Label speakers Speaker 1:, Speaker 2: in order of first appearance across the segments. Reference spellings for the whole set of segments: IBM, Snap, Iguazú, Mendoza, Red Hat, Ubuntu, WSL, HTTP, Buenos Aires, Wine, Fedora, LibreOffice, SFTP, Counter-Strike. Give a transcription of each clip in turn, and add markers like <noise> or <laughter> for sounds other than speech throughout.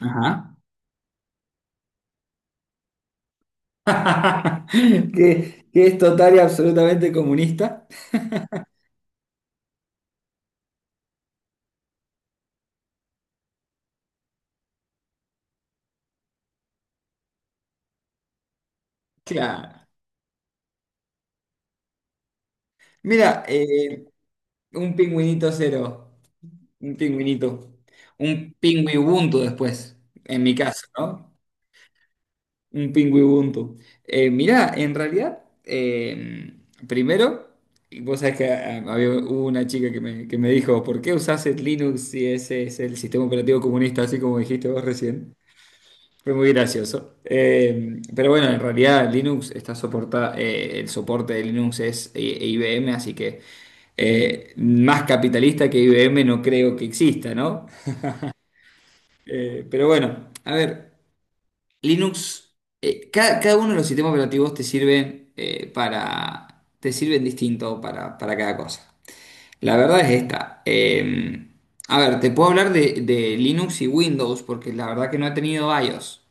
Speaker 1: Ajá. <laughs> Que es total y absolutamente comunista. Claro. Mira, un pingüinito cero. Un pingüinito. Un pingüibuntu después, en mi caso, ¿no? Un pingüibuntu. Mira, en realidad, primero, y vos sabés que hubo una chica que que me dijo, ¿por qué usás el Linux si ese es el sistema operativo comunista, así como dijiste vos recién? Fue muy gracioso. Pero bueno, en realidad Linux el soporte de Linux es IBM, así que más capitalista que IBM no creo que exista, ¿no? Pero bueno, a ver, Linux, cada uno de los sistemas operativos te sirven te sirven distinto para cada cosa. La verdad es esta. A ver, te puedo hablar de Linux y Windows, porque la verdad que no he tenido iOS.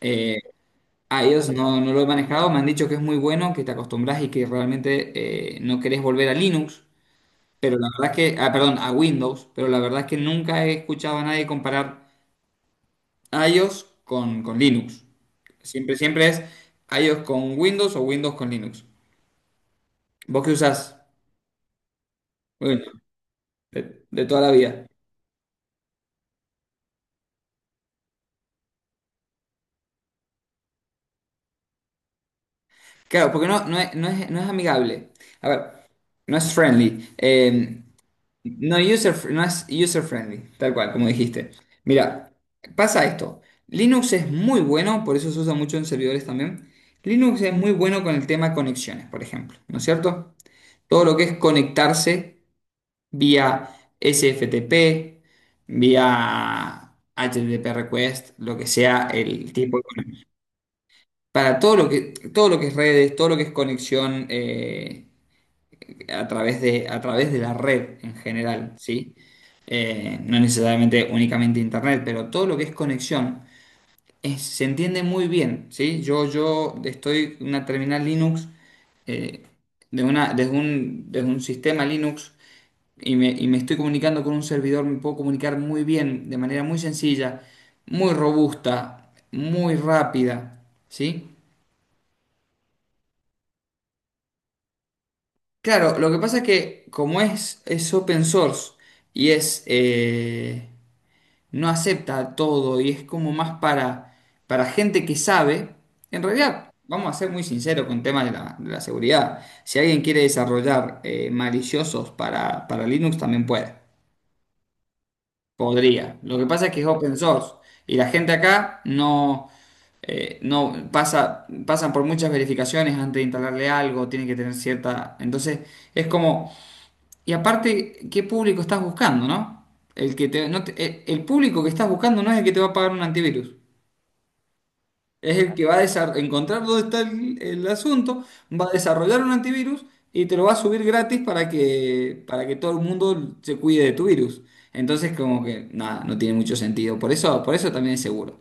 Speaker 1: Eh, A ellos no, no lo he manejado, me han dicho que es muy bueno, que te acostumbras y que realmente no querés volver a Linux, pero la verdad es que, ah, perdón, a Windows, pero la verdad es que nunca he escuchado a nadie comparar iOS con Linux. Siempre, siempre es iOS con Windows o Windows con Linux. ¿Vos qué usás? Bueno, de toda la vida. Claro, porque no, no es, no es amigable. A ver, no es friendly. No, user, no es user friendly, tal cual, como dijiste. Mira, pasa esto. Linux es muy bueno, por eso se usa mucho en servidores también. Linux es muy bueno con el tema conexiones, por ejemplo, ¿no es cierto? Todo lo que es conectarse vía SFTP, vía HTTP request, lo que sea el tipo de conexión. Para todo lo que es redes, todo lo que es conexión, a través a través de la red en general, ¿sí? No necesariamente únicamente internet, pero todo lo que es conexión se entiende muy bien, ¿sí? Yo estoy en una terminal Linux eh, de una, desde un sistema Linux y me estoy comunicando con un servidor, me puedo comunicar muy bien, de manera muy sencilla, muy robusta, muy rápida, ¿sí? Claro, lo que pasa es que como es open source y es... no acepta todo y es como más para gente que sabe. En realidad, vamos a ser muy sinceros con el tema de de la seguridad. Si alguien quiere desarrollar maliciosos para Linux, también puede. Podría. Lo que pasa es que es open source y la gente acá no, pasan por muchas verificaciones antes de instalarle algo, tiene que tener cierta... Entonces, es como... Y aparte, ¿qué público estás buscando, no? El el público que estás buscando no es el que te va a pagar un antivirus. Es el que va a encontrar dónde está el asunto, va a desarrollar un antivirus y te lo va a subir gratis para que todo el mundo se cuide de tu virus. Entonces, como que nada, no tiene mucho sentido. Por eso también es seguro.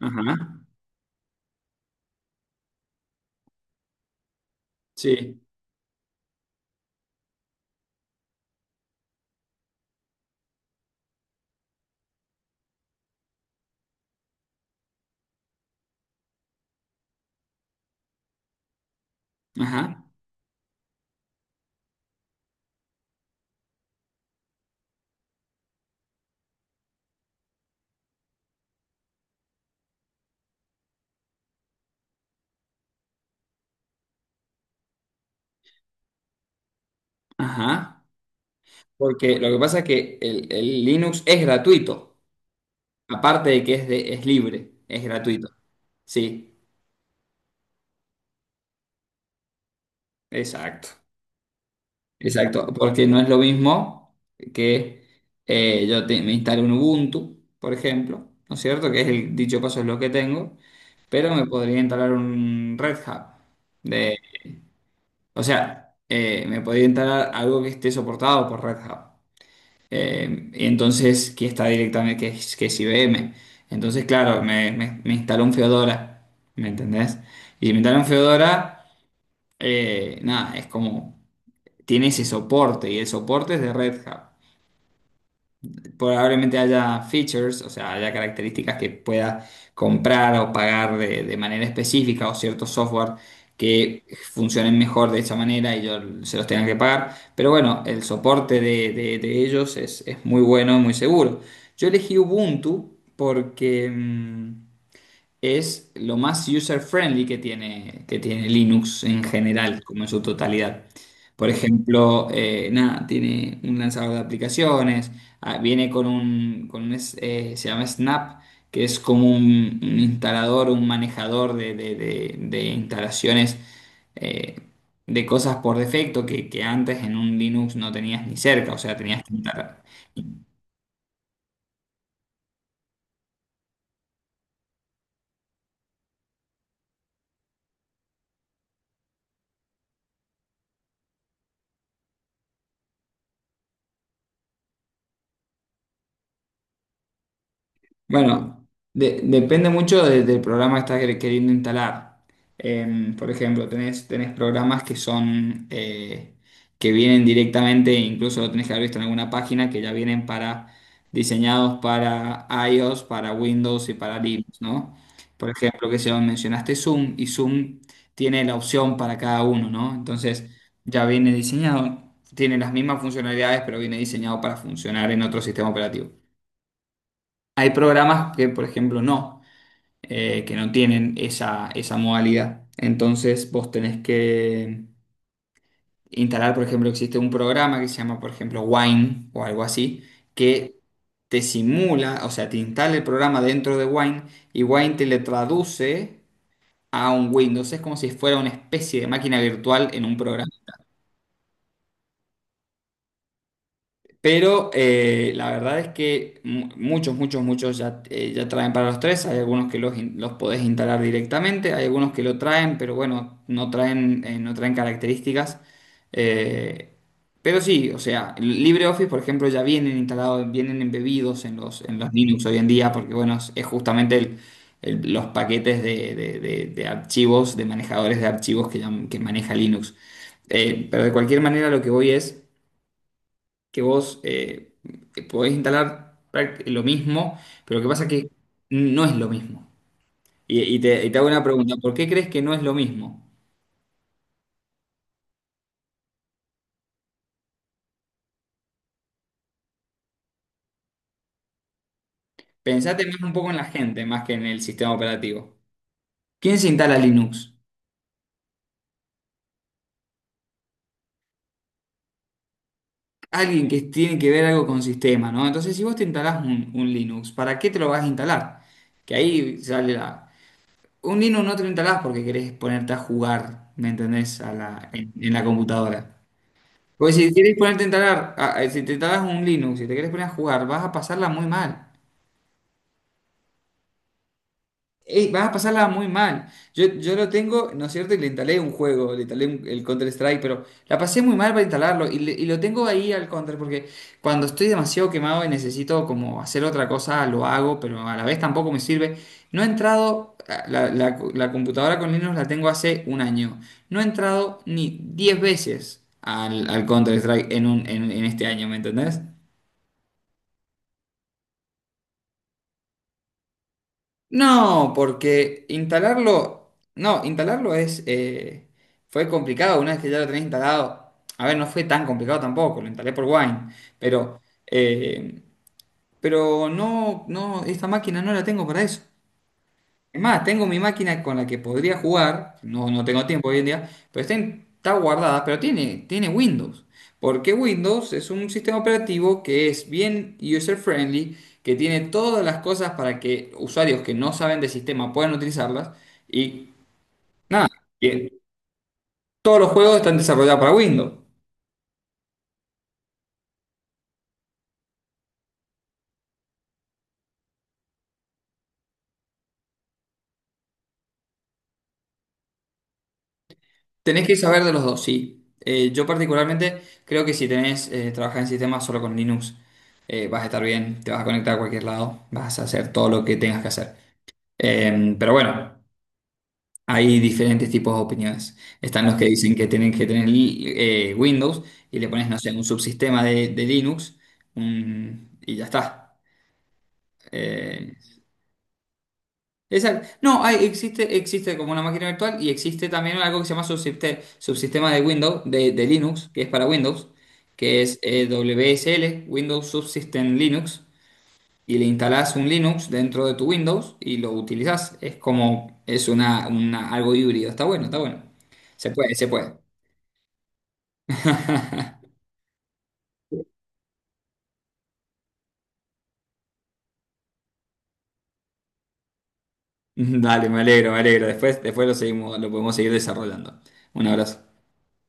Speaker 1: Ajá. Sí, ajá, ajá. Porque lo que pasa es que el Linux es gratuito, aparte de que es, es libre, es gratuito. Sí, exacto. Exacto, porque no es lo mismo que me instale un Ubuntu, por ejemplo, ¿no es cierto? Que es el dicho paso es lo que tengo, pero me podría instalar un Red Hat. De, o sea, me podría instalar algo que esté soportado por Red Hat. Y entonces, que está directamente, que es IBM. Entonces, claro, me instaló un Fedora, ¿me entendés? Y si me instala un Fedora, nada, es como, tiene ese soporte y el soporte es de Red Hat. Probablemente haya features, o sea, haya características que pueda comprar o pagar de manera específica o ciertos software que funcionen mejor de esta manera y yo se los tenga que pagar. Pero bueno, el soporte de ellos es muy bueno y muy seguro. Yo elegí Ubuntu porque... es lo más user-friendly que tiene Linux en general, como en su totalidad. Por ejemplo, nada, tiene un lanzador de aplicaciones, ah, viene con un, se llama Snap, que es como un instalador, un manejador de instalaciones eh, de cosas por defecto que antes en un Linux no tenías ni cerca, o sea, tenías que instalar. Bueno, depende mucho del programa que estás queriendo instalar. Por ejemplo, tenés programas que son que vienen directamente, incluso lo tenés que haber visto en alguna página, que ya vienen para diseñados para iOS, para Windows y para Linux, ¿no? Por ejemplo, que se mencionaste Zoom y Zoom tiene la opción para cada uno, ¿no? Entonces ya viene diseñado, tiene las mismas funcionalidades, pero viene diseñado para funcionar en otro sistema operativo. Hay programas que, por ejemplo, no, que no tienen esa modalidad. Entonces vos tenés que instalar, por ejemplo, existe un programa que se llama, por ejemplo, Wine o algo así, que te simula, o sea, te instala el programa dentro de Wine y Wine te le traduce a un Windows. Es como si fuera una especie de máquina virtual en un programa. Pero la verdad es que muchos ya, ya traen para los tres. Hay algunos que los podés instalar directamente, hay algunos que lo traen, pero bueno, no traen, no traen características. Eh, pero sí, o sea, LibreOffice, por ejemplo, ya vienen instalados, vienen embebidos en los Linux hoy en día, porque bueno, es justamente los paquetes de archivos, de manejadores de archivos que, que maneja Linux. Pero de cualquier manera, lo que voy es que vos podés instalar lo mismo, pero lo que pasa es que no es lo mismo. Y te hago una pregunta, ¿por qué crees que no es lo mismo? Pensate más un poco en la gente más que en el sistema operativo. ¿Quién se instala Linux? Alguien que tiene que ver algo con sistema, ¿no? Entonces, si vos te instalás un Linux, ¿para qué te lo vas a instalar? Que ahí sale la... Un Linux no te lo instalás porque querés ponerte a jugar, ¿me entendés? A la, en la computadora. Pues si quieres ponerte a instalar, si te instalas un Linux, si te quieres poner a jugar, vas a pasarla muy mal. Ey, vas a pasarla muy mal. Yo lo tengo, ¿no es cierto? Y le instalé un juego, le instalé el Counter-Strike, pero la pasé muy mal para instalarlo y, y lo tengo ahí al Counter porque cuando estoy demasiado quemado y necesito como hacer otra cosa, lo hago, pero a la vez tampoco me sirve. No he entrado, la computadora con Linux la tengo hace un año. No he entrado ni 10 veces al, al Counter-Strike en, en este año, ¿me entendés? No, porque instalarlo, no, instalarlo fue complicado una vez que ya lo tenés instalado. A ver, no fue tan complicado tampoco, lo instalé por Wine, pero, eh, pero no, no, esta máquina no la tengo para eso. Es más, tengo mi máquina con la que podría jugar, no, no tengo tiempo hoy en día, pero está, está guardada, pero tiene, tiene Windows. Porque Windows es un sistema operativo que es bien user-friendly, que tiene todas las cosas para que usuarios que no saben de sistema puedan utilizarlas. Y nada, que todos los juegos están desarrollados para Windows. Tenés que saber de los dos, sí. Yo particularmente creo que si tenés, trabajar en sistemas solo con Linux, vas a estar bien, te vas a conectar a cualquier lado, vas a hacer todo lo que tengas que hacer. Pero bueno, hay diferentes tipos de opiniones. Están los que dicen que tienen que tener Windows y le pones, no sé, un subsistema de Linux y ya está. Eh, no, existe, existe como una máquina virtual y existe también algo que se llama subsistema de Windows, de Linux, que es para Windows, que es WSL, Windows Subsystem Linux. Y le instalás un Linux dentro de tu Windows y lo utilizás. Es como, es una, algo híbrido. Está bueno, está bueno. Se puede, se puede. <laughs> Dale, me alegro, me alegro. Después, después lo seguimos, lo podemos seguir desarrollando. Un abrazo.